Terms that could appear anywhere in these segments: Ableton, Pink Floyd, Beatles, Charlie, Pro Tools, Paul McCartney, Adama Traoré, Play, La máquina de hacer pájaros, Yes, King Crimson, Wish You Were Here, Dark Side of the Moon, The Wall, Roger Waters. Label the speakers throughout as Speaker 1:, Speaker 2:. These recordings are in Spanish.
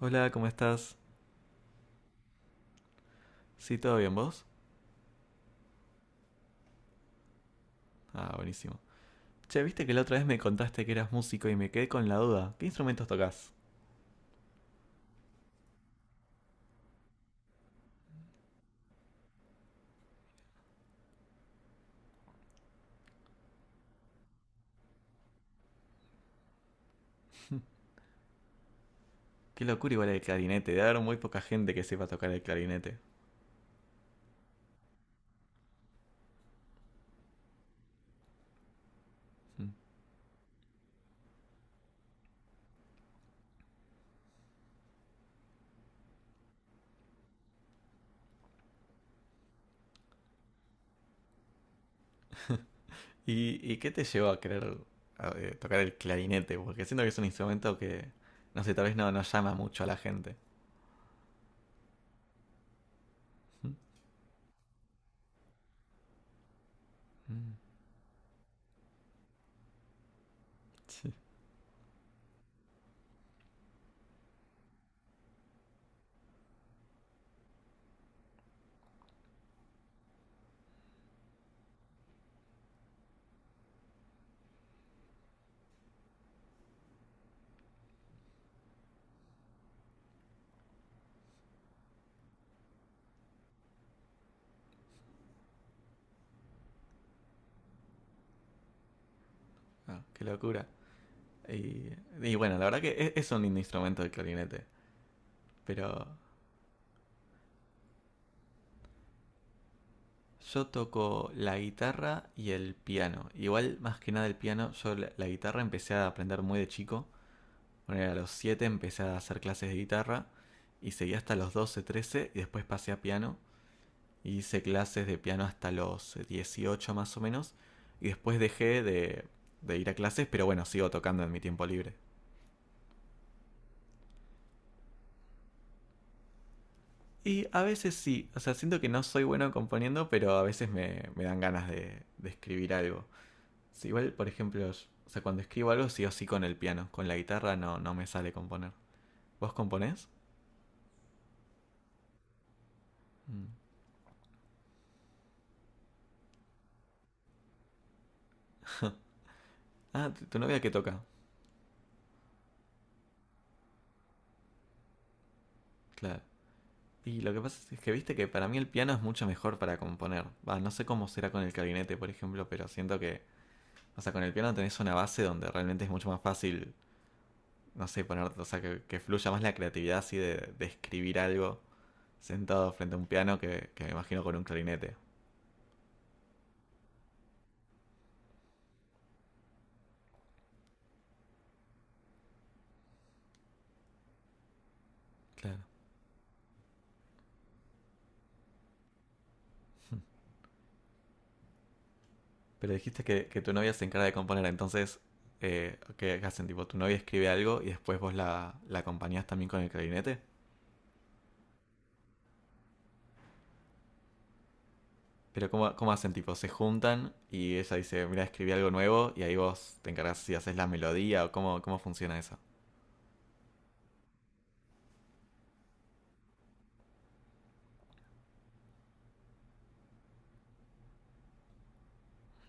Speaker 1: Hola, ¿cómo estás? ¿Sí, todo bien vos? Ah, buenísimo. Che, viste que la otra vez me contaste que eras músico y me quedé con la duda. ¿Qué instrumentos tocas? Qué locura igual el clarinete, debe haber muy poca gente que sepa tocar el clarinete. Mm. ¿Y qué te llevó a querer tocar el clarinete? Porque siento que es un instrumento que, no sé, tal vez no llama mucho a la gente. Mm. Mm. Sí. Ah, qué locura. Y, y bueno, la verdad que es un lindo instrumento el clarinete, pero. Yo toco la guitarra y el piano. Igual, más que nada el piano, yo la guitarra empecé a aprender muy de chico. Bueno, a los 7 empecé a hacer clases de guitarra y seguí hasta los 12, 13 y después pasé a piano. Y hice clases de piano hasta los 18 más o menos. Y después dejé de ir a clases, pero bueno, sigo tocando en mi tiempo libre. Y a veces sí, o sea, siento que no soy bueno componiendo, pero a veces me dan ganas de escribir algo. Sí, igual, por ejemplo, o sea, cuando escribo algo sí o sí con el piano. Con la guitarra no me sale componer. ¿Vos componés? Mm. Ah, tu novia que toca. Claro. Y lo que pasa es que viste que para mí el piano es mucho mejor para componer. Va, no sé cómo será con el clarinete, por ejemplo, pero siento que, o sea, con el piano tenés una base donde realmente es mucho más fácil, no sé, poner, o sea, que, fluya más la creatividad así de escribir algo sentado frente a un piano que me imagino con un clarinete. Claro. Pero dijiste que tu novia se encarga de componer, entonces, ¿qué hacen? Tipo, tu novia escribe algo y después vos la acompañás también con el clarinete. Pero ¿cómo hacen? Tipo, se juntan y ella dice, mira, escribí algo nuevo y ahí vos te encargás si haces la melodía o cómo funciona eso.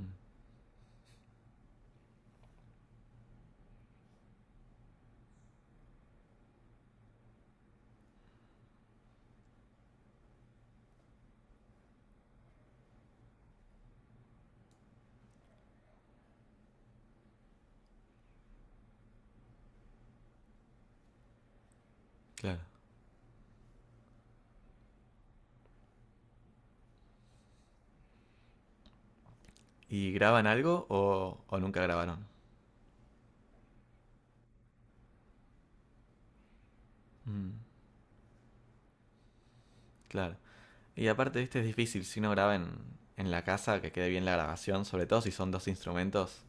Speaker 1: Mm, claro. ¿Y graban algo o nunca grabaron? Mm, claro. Y aparte, viste, es difícil si uno graba en la casa que quede bien la grabación, sobre todo si son dos instrumentos.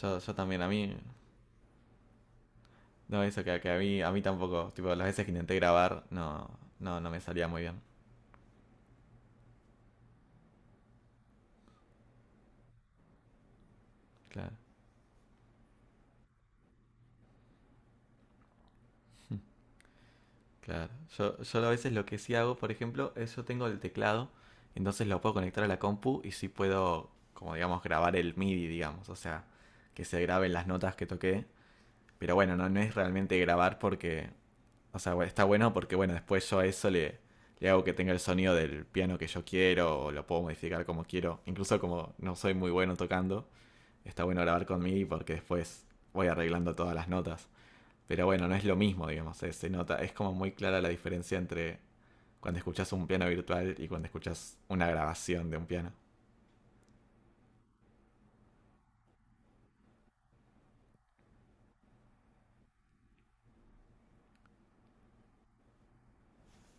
Speaker 1: Yo también, a mí. No, eso que a mí tampoco. Tipo, las veces que intenté grabar, no me salía muy bien. Claro, claro. Yo a veces lo que sí hago, por ejemplo, es yo tengo el teclado, entonces lo puedo conectar a la compu y sí puedo, como digamos, grabar el MIDI, digamos. O sea, que se graben las notas que toqué. Pero bueno, no es realmente grabar porque, o sea, bueno, está bueno porque, bueno, después yo a eso le hago que tenga el sonido del piano que yo quiero o lo puedo modificar como quiero. Incluso como no soy muy bueno tocando está bueno grabar con MIDI porque después voy arreglando todas las notas. Pero bueno, no es lo mismo, digamos, se nota, es como muy clara la diferencia entre cuando escuchas un piano virtual y cuando escuchas una grabación de un piano.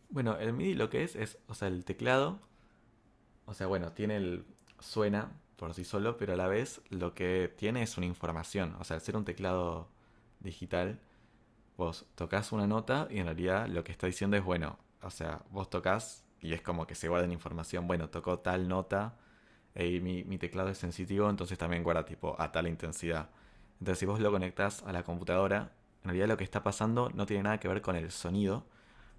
Speaker 1: Bueno, el MIDI lo que es, o sea, el teclado, o sea, bueno, tiene el suena por sí solo, pero a la vez lo que tiene es una información, o sea, al ser un teclado digital, vos tocas una nota y en realidad lo que está diciendo es, bueno, o sea, vos tocas y es como que se guarda en información, bueno, tocó tal nota y mi teclado es sensitivo, entonces también guarda tipo a tal intensidad. Entonces si vos lo conectás a la computadora, en realidad lo que está pasando no tiene nada que ver con el sonido,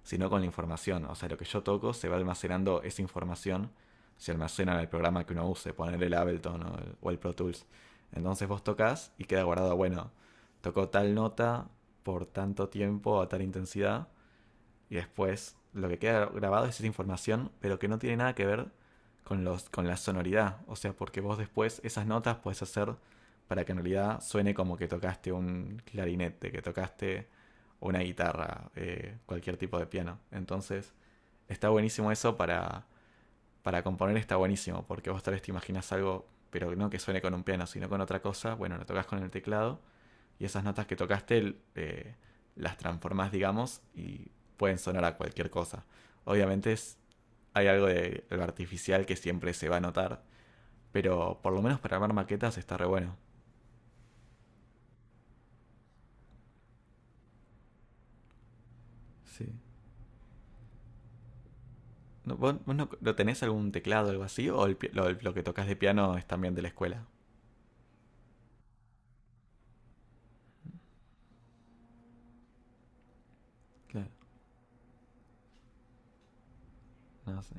Speaker 1: sino con la información. O sea, lo que yo toco se va almacenando esa información, se almacena en el programa que uno use, poner el Ableton o el Pro Tools. Entonces vos tocas y queda guardado, bueno, tocó tal nota por tanto tiempo a tal intensidad y después lo que queda grabado es esa información, pero que no tiene nada que ver con la sonoridad. O sea, porque vos después esas notas puedes hacer para que en realidad suene como que tocaste un clarinete, que tocaste una guitarra, cualquier tipo de piano. Entonces, está buenísimo eso para componer, está buenísimo, porque vos tal vez te imaginas algo, pero no que suene con un piano, sino con otra cosa. Bueno, lo tocas con el teclado y esas notas que tocaste las transformas, digamos, y pueden sonar a cualquier cosa. Obviamente hay algo de lo artificial que siempre se va a notar, pero por lo menos para armar maquetas está re bueno. Sí. ¿No, ¿Vos, vos no, ¿no tenés algún teclado o algo así? ¿O lo que tocas de piano es también de la escuela? Claro, no sé.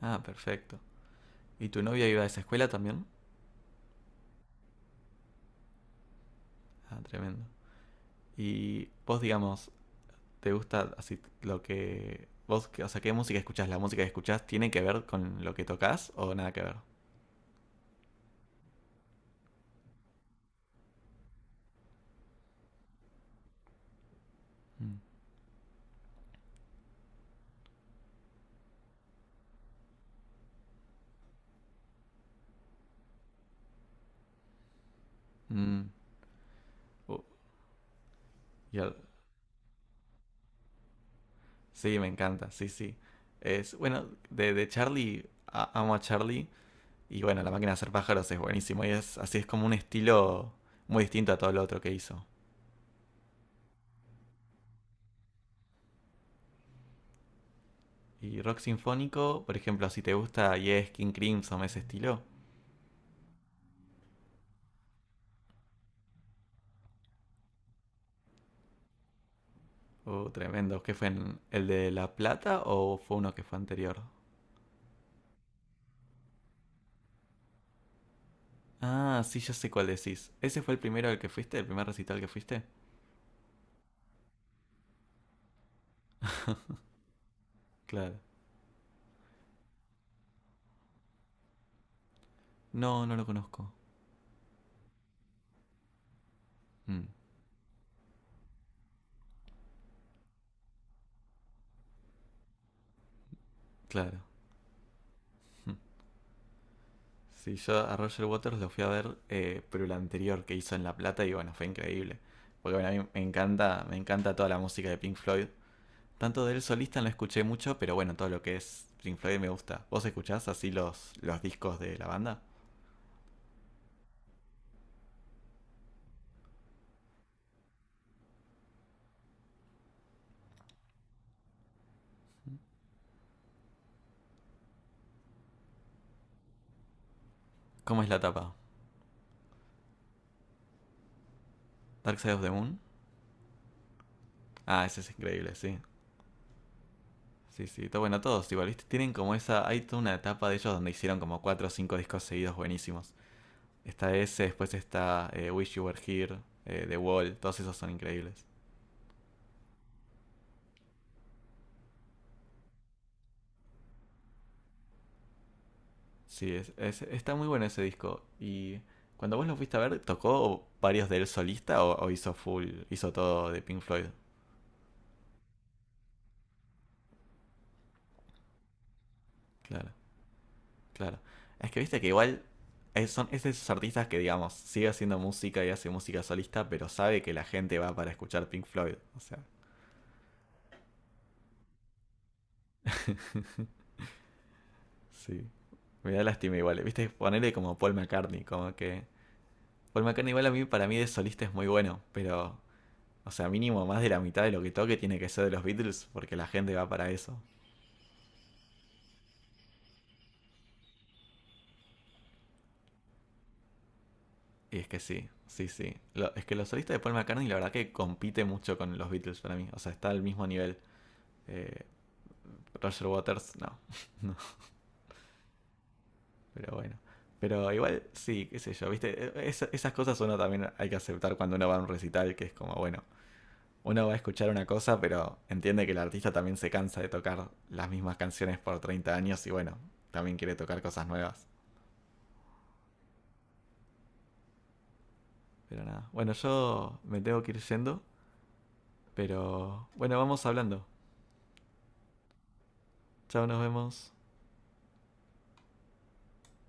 Speaker 1: Ah, perfecto. ¿Y tu novia iba a esa escuela también? Ah, tremendo. ¿Y vos, digamos, te gusta así lo que vos, o sea, qué música escuchás? ¿La música que escuchás tiene que ver con lo que tocas o nada que ver? Mm. Mm. Uh, yo- sí, me encanta, sí, sí. Es, bueno, de Charlie, amo a Charlie. Y bueno, La máquina de hacer pájaros es buenísimo. Y es así, es como un estilo muy distinto a todo lo otro que hizo. Y rock sinfónico, por ejemplo, si te gusta Yes, King Crimson, ese estilo. Tremendo. ¿Qué fue? ¿El de La Plata o fue uno que fue anterior? Ah, sí, ya sé cuál decís. ¿Ese fue el primero al que fuiste? ¿El primer recital que fuiste? Claro. No, no lo conozco. Mm, claro. Mm. Sí, yo a Roger Waters lo fui a ver, pero el anterior que hizo en La Plata y bueno, fue increíble. Porque bueno, a mí me encanta toda la música de Pink Floyd. Tanto de él solista no escuché mucho, pero bueno, todo lo que es Pink Floyd me gusta. ¿Vos escuchás así los discos de la banda? ¿Cómo es la tapa? ¿Dark Side of the Moon? Ah, ese es increíble, sí. Sí, sí, está bueno, todos igual, ¿viste? Tienen como esa, hay toda una etapa de ellos donde hicieron como cuatro o cinco discos seguidos buenísimos. Está ese, después está Wish You Were Here, The Wall, todos esos son increíbles. Sí, está muy bueno ese disco. Y cuando vos lo fuiste a ver, ¿tocó varios de él solista o hizo todo de Pink Floyd? Claro, claro. Es que viste que igual es de esos artistas que, digamos, sigue haciendo música y hace música solista, pero sabe que la gente va para escuchar Pink Floyd. O sea, Sí. Me da lástima igual. Viste, ponerle como Paul McCartney, como que. Paul McCartney igual a mí, para mí de solista es muy bueno, pero. O sea, mínimo más de la mitad de lo que toque tiene que ser de los Beatles, porque la gente va para eso. Y es que sí, sí, sí. Es que los solistas de Paul McCartney la verdad que compite mucho con los Beatles para mí. O sea, está al mismo nivel. Eh, Roger Waters, no. no. Pero bueno. Pero igual, sí, qué sé yo, viste, esas cosas uno también hay que aceptar cuando uno va a un recital, que es como, bueno, uno va a escuchar una cosa, pero entiende que el artista también se cansa de tocar las mismas canciones por 30 años y bueno, también quiere tocar cosas nuevas. Pero nada. Bueno, yo me tengo que ir yendo, pero bueno, vamos hablando. Chao, nos vemos.